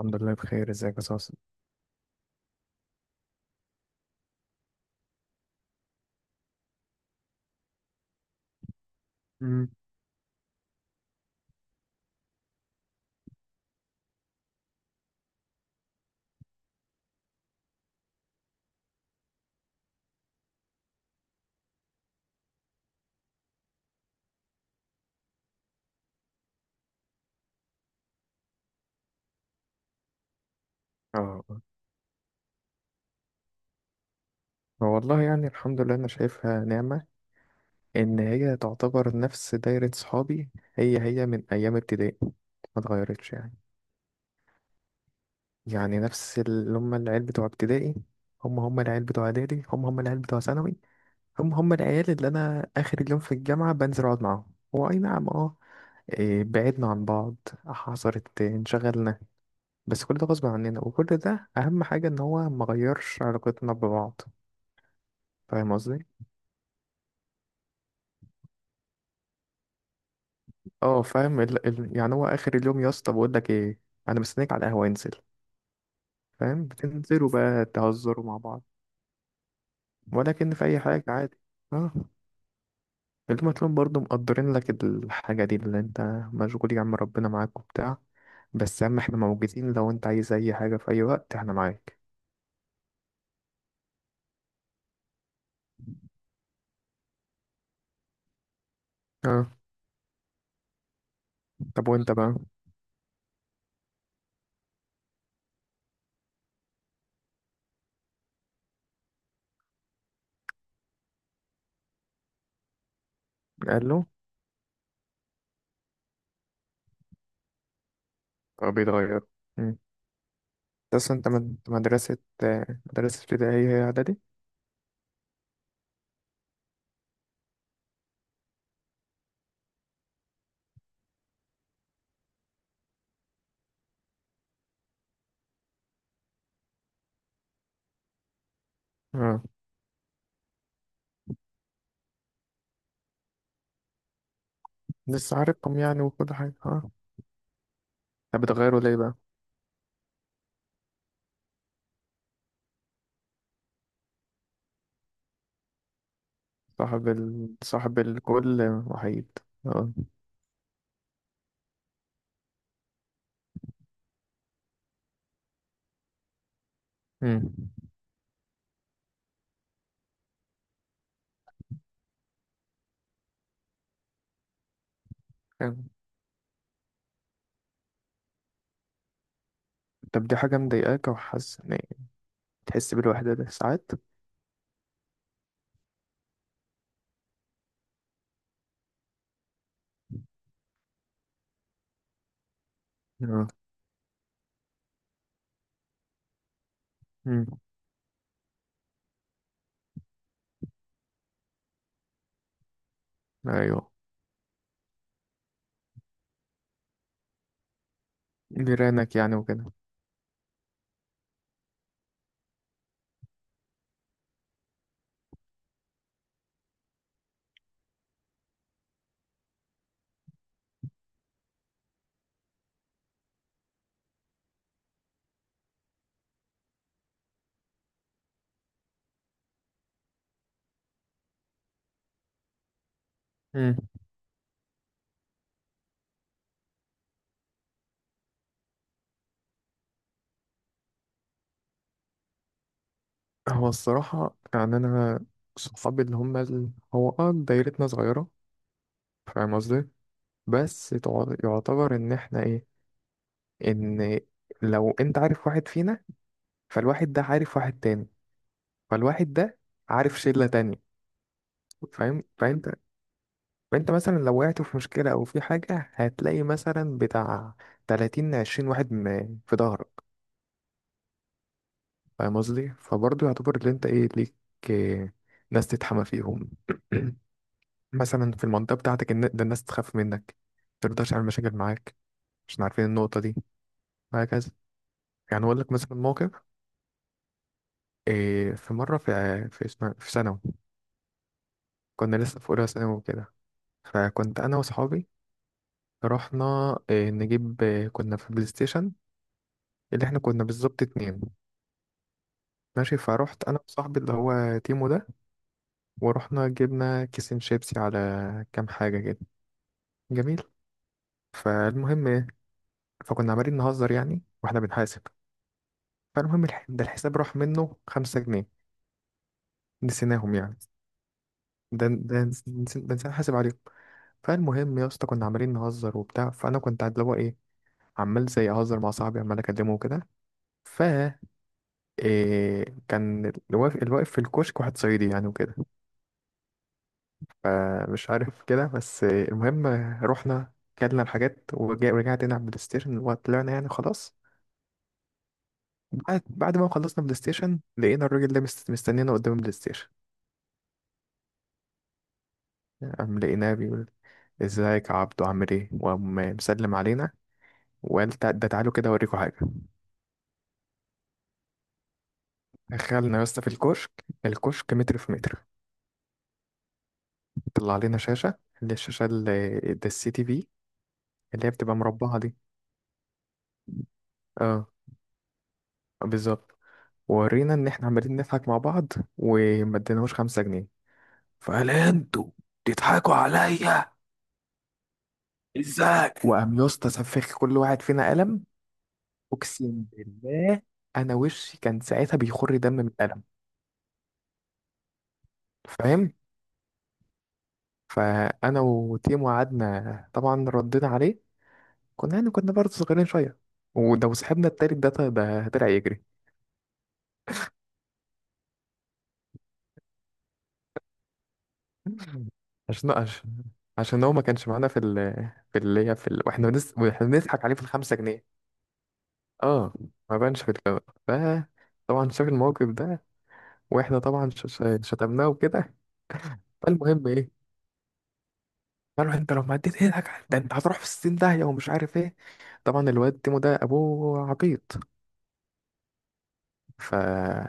الحمد لله بخير. ازيك يا صاصا؟ مم. اه، هو والله يعني الحمد لله انا شايفها نعمة، ان هي تعتبر نفس دايرة صحابي. هي هي من ايام ابتدائي، ما اتغيرتش يعني نفس اللي هم العيال بتوع ابتدائي، هم هم العيال بتوع اعدادي، هم هم العيال بتوع ثانوي، هم هم العيال اللي انا اخر اليوم في الجامعة بنزل اقعد معاهم. هو اي نعم، اه، إيه، بعدنا عن بعض، حصلت انشغلنا، بس كل ده غصب عننا، وكل ده اهم حاجة ان هو ما غيرش علاقتنا ببعض. فاهم قصدي؟ اه فاهم. يعني هو اخر اليوم يا اسطى بقول لك ايه، انا مستنيك على القهوه، انزل. فاهم؟ بتنزلوا بقى تهزروا مع بعض، ولكن في اي حاجه عادي. اه، اليوم هتلاقيهم برضه مقدرين لك الحاجه دي، اللي انت مشغول يا عم، ربنا معاك وبتاع، بس يا عم احنا موجودين، لو انت عايز اي حاجه في اي وقت احنا معاك. اه. طب وانت بقى؟ قال له. اه بيتغير. مم. بس انت مدرسه مدرسه ابتدائيه هي اعدادي؟ اه، لسه عارفهم يعني وكل حاجه، اه. طب بتغيروا ليه بقى؟ صاحب صاحب الكل وحيد. اه. امم. فاهم. طب دي حاجة مضايقاك، أو حاسس إن تحس بالوحدة ده ساعات؟ اه. امم. أيوه. جيرانك يعني وكده. امم. هو الصراحة يعني أنا، صحابي اللي هم هو اه دايرتنا صغيرة. فاهم قصدي؟ بس يعتبر إن إحنا إيه؟ إن لو أنت عارف واحد فينا، فالواحد ده عارف واحد تاني، فالواحد ده عارف شلة تانية. فاهم؟ فأنت، فانت مثلا لو وقعت في مشكلة او في حاجة هتلاقي مثلا بتاع 30 20 واحد في ظهرك. فاهم قصدي؟ فبرضه يعتبر اللي انت ايه ليك، إيه، ناس تتحمى فيهم. مثلا في المنطقة بتاعتك ده الناس تخاف منك، مترضاش على مشاكل معاك عشان عارفين النقطة دي، وهكذا. يعني اقول لك مثلا موقف، إيه، في مرة في في اسمها في ثانوي، كنا لسه في اولى ثانوي وكده. فكنت انا واصحابي رحنا إيه نجيب إيه، كنا في بلاي ستيشن. اللي احنا كنا بالظبط اتنين. ماشي. فروحت انا وصاحبي اللي هو تيمو ده، ورحنا جبنا كيسين شيبسي على كام حاجه كده. جميل. فالمهم ايه، فكنا عمالين نهزر يعني واحنا بنحاسب. فالمهم ده الحساب راح منه 5 جنيه، نسيناهم يعني. ده نسينا نحاسب عليهم. فالمهم يا اسطى كنا عمالين نهزر وبتاع، فانا كنت اللي هو ايه، عمال زي اهزر مع صاحبي، عمال اكلمه وكده. ف إيه، كان اللي واقف، اللي واقف في الكشك واحد صعيدي يعني وكده. فمش عارف كده، بس المهم رحنا، كلنا الحاجات، ورجعت هنا على البلاي ستيشن وطلعنا، يعني خلاص. بعد ما خلصنا بلاي ستيشن لقينا الراجل ده مستنينا قدام البلاي ستيشن. قام لقيناه بيقول ازيك يا عبدو عامل ايه، وقام مسلم علينا وقال تع- ده تعالوا كده اوريكم حاجه. دخلنا يا اسطى في الكشك، الكشك متر في متر. طلع علينا شاشه، اللي الشاشه اللي ده السي تي في، اللي هي بتبقى مربعه دي. اه، بالظبط. ورينا ان احنا عمالين نضحك مع بعض، وما اديناهوش 5 جنيه. فقال انتوا بتضحكوا عليا ازاي، وقام يا اسطى سفخ كل واحد فينا قلم. اقسم بالله، انا وشي كان ساعتها بيخر دم من القلم. فاهم؟ فانا وتيمو قعدنا طبعا ردينا عليه، كنا يعني كنا برضه صغيرين شويه، ولو صاحبنا التالت ده طلع يجري. عشان عشان عشان هو ما كانش معانا في ال، في اللي هي في واحنا واحنا بنضحك عليه في ال5 جنيه. اه، ما بانش في الكاميرا. ف طبعا شاف الموقف ده، واحنا طبعا شتمناه وكده. فالمهم ايه، قالوا انت لو ما اديت ايدك ده انت هتروح في الستين داهية ومش عارف ايه. طبعا الواد تيمو ده ابوه عبيط. فالمهم،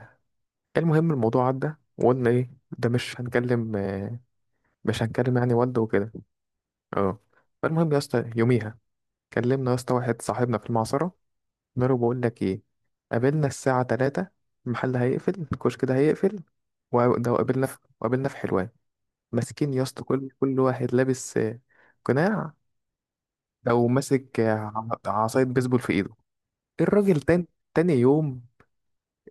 الموضوع عدى وقلنا ايه، ده مش هنكلم مش هنكلم يعني والده وكده. اه. فالمهم يا اسطى يوميها كلمنا يا اسطى واحد صاحبنا في المعصرة، قلنا له بقول لك ايه، قابلنا الساعة 3. المحل هيقفل، الكشك ده هيقفل. وقابلنا في، وقابلنا في حلوان. ماسكين يا اسطى كل واحد لابس قناع، او ماسك عصاية بيسبول في ايده. الراجل تاني، تاني يوم،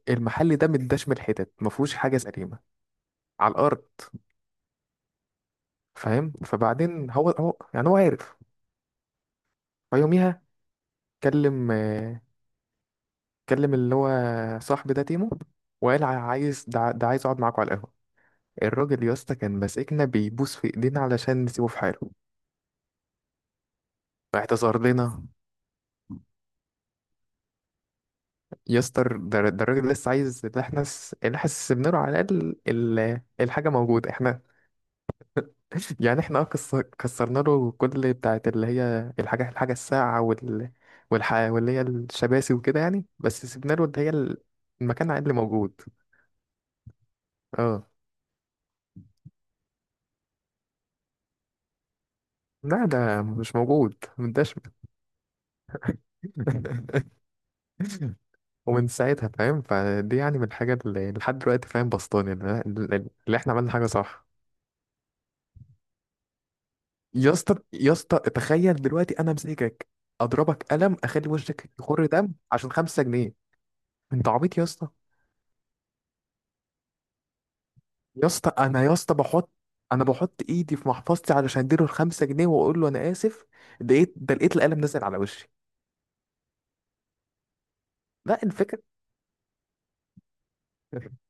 المحل ده متداش من الحتت، ما فيهوش حاجه سليمه على الارض. فاهم؟ فبعدين هو هو يعني هو عارف. فيوميها كلم آه، كلم اللي هو صاحبي ده تيمو، وقال عايز ده ع- ده عايز اقعد معاكوا على القهوه. الراجل يا اسطى كان ماسكنا بيبوس في ايدينا علشان نسيبه في حاله، اعتذر لنا. يا اسطى ده الراجل لسه عايز، اللي احنا اللي احنا سيبنا له على الاقل الحاجه موجوده احنا. يعني احنا اه كسرنا له كل بتاعت اللي هي الحاجة الساقعة واللي هي الشباسي وكده يعني، بس سيبنا له اللي هي المكان عادي اللي موجود. اه. لا ده مش موجود، مداش. ومن ساعتها فاهم، فدي يعني من الحاجة، اللي لحد دلوقتي فاهم بسطاني، اللي احنا عملنا حاجة صح. يا اسطى، يا اسطى تخيل دلوقتي انا امسكك اضربك قلم اخلي وشك يخر دم عشان 5 جنيه. انت عبيط يا اسطى. يا اسطى انا يا اسطى بحط، انا بحط ايدي في محفظتي علشان اديله ال5 جنيه واقول له انا اسف، لقيت ده لقيت القلم نزل على وشي. لا الفكرة.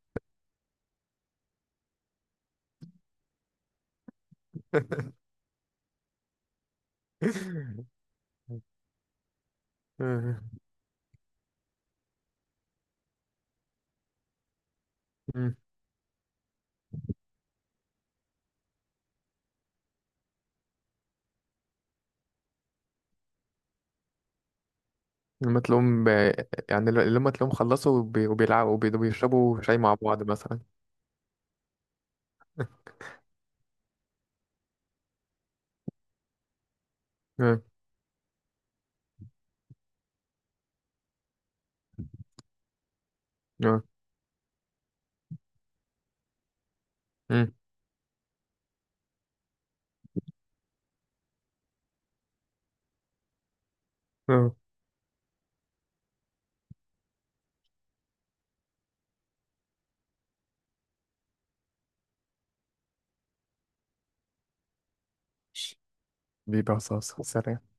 لما تلاقيهم لما تلاقيهم خلصوا وبيلعبوا وبيشربوا شاي مع بعض مثلا. آه، آه، آه، آه. بيبقى صاصة، سلام.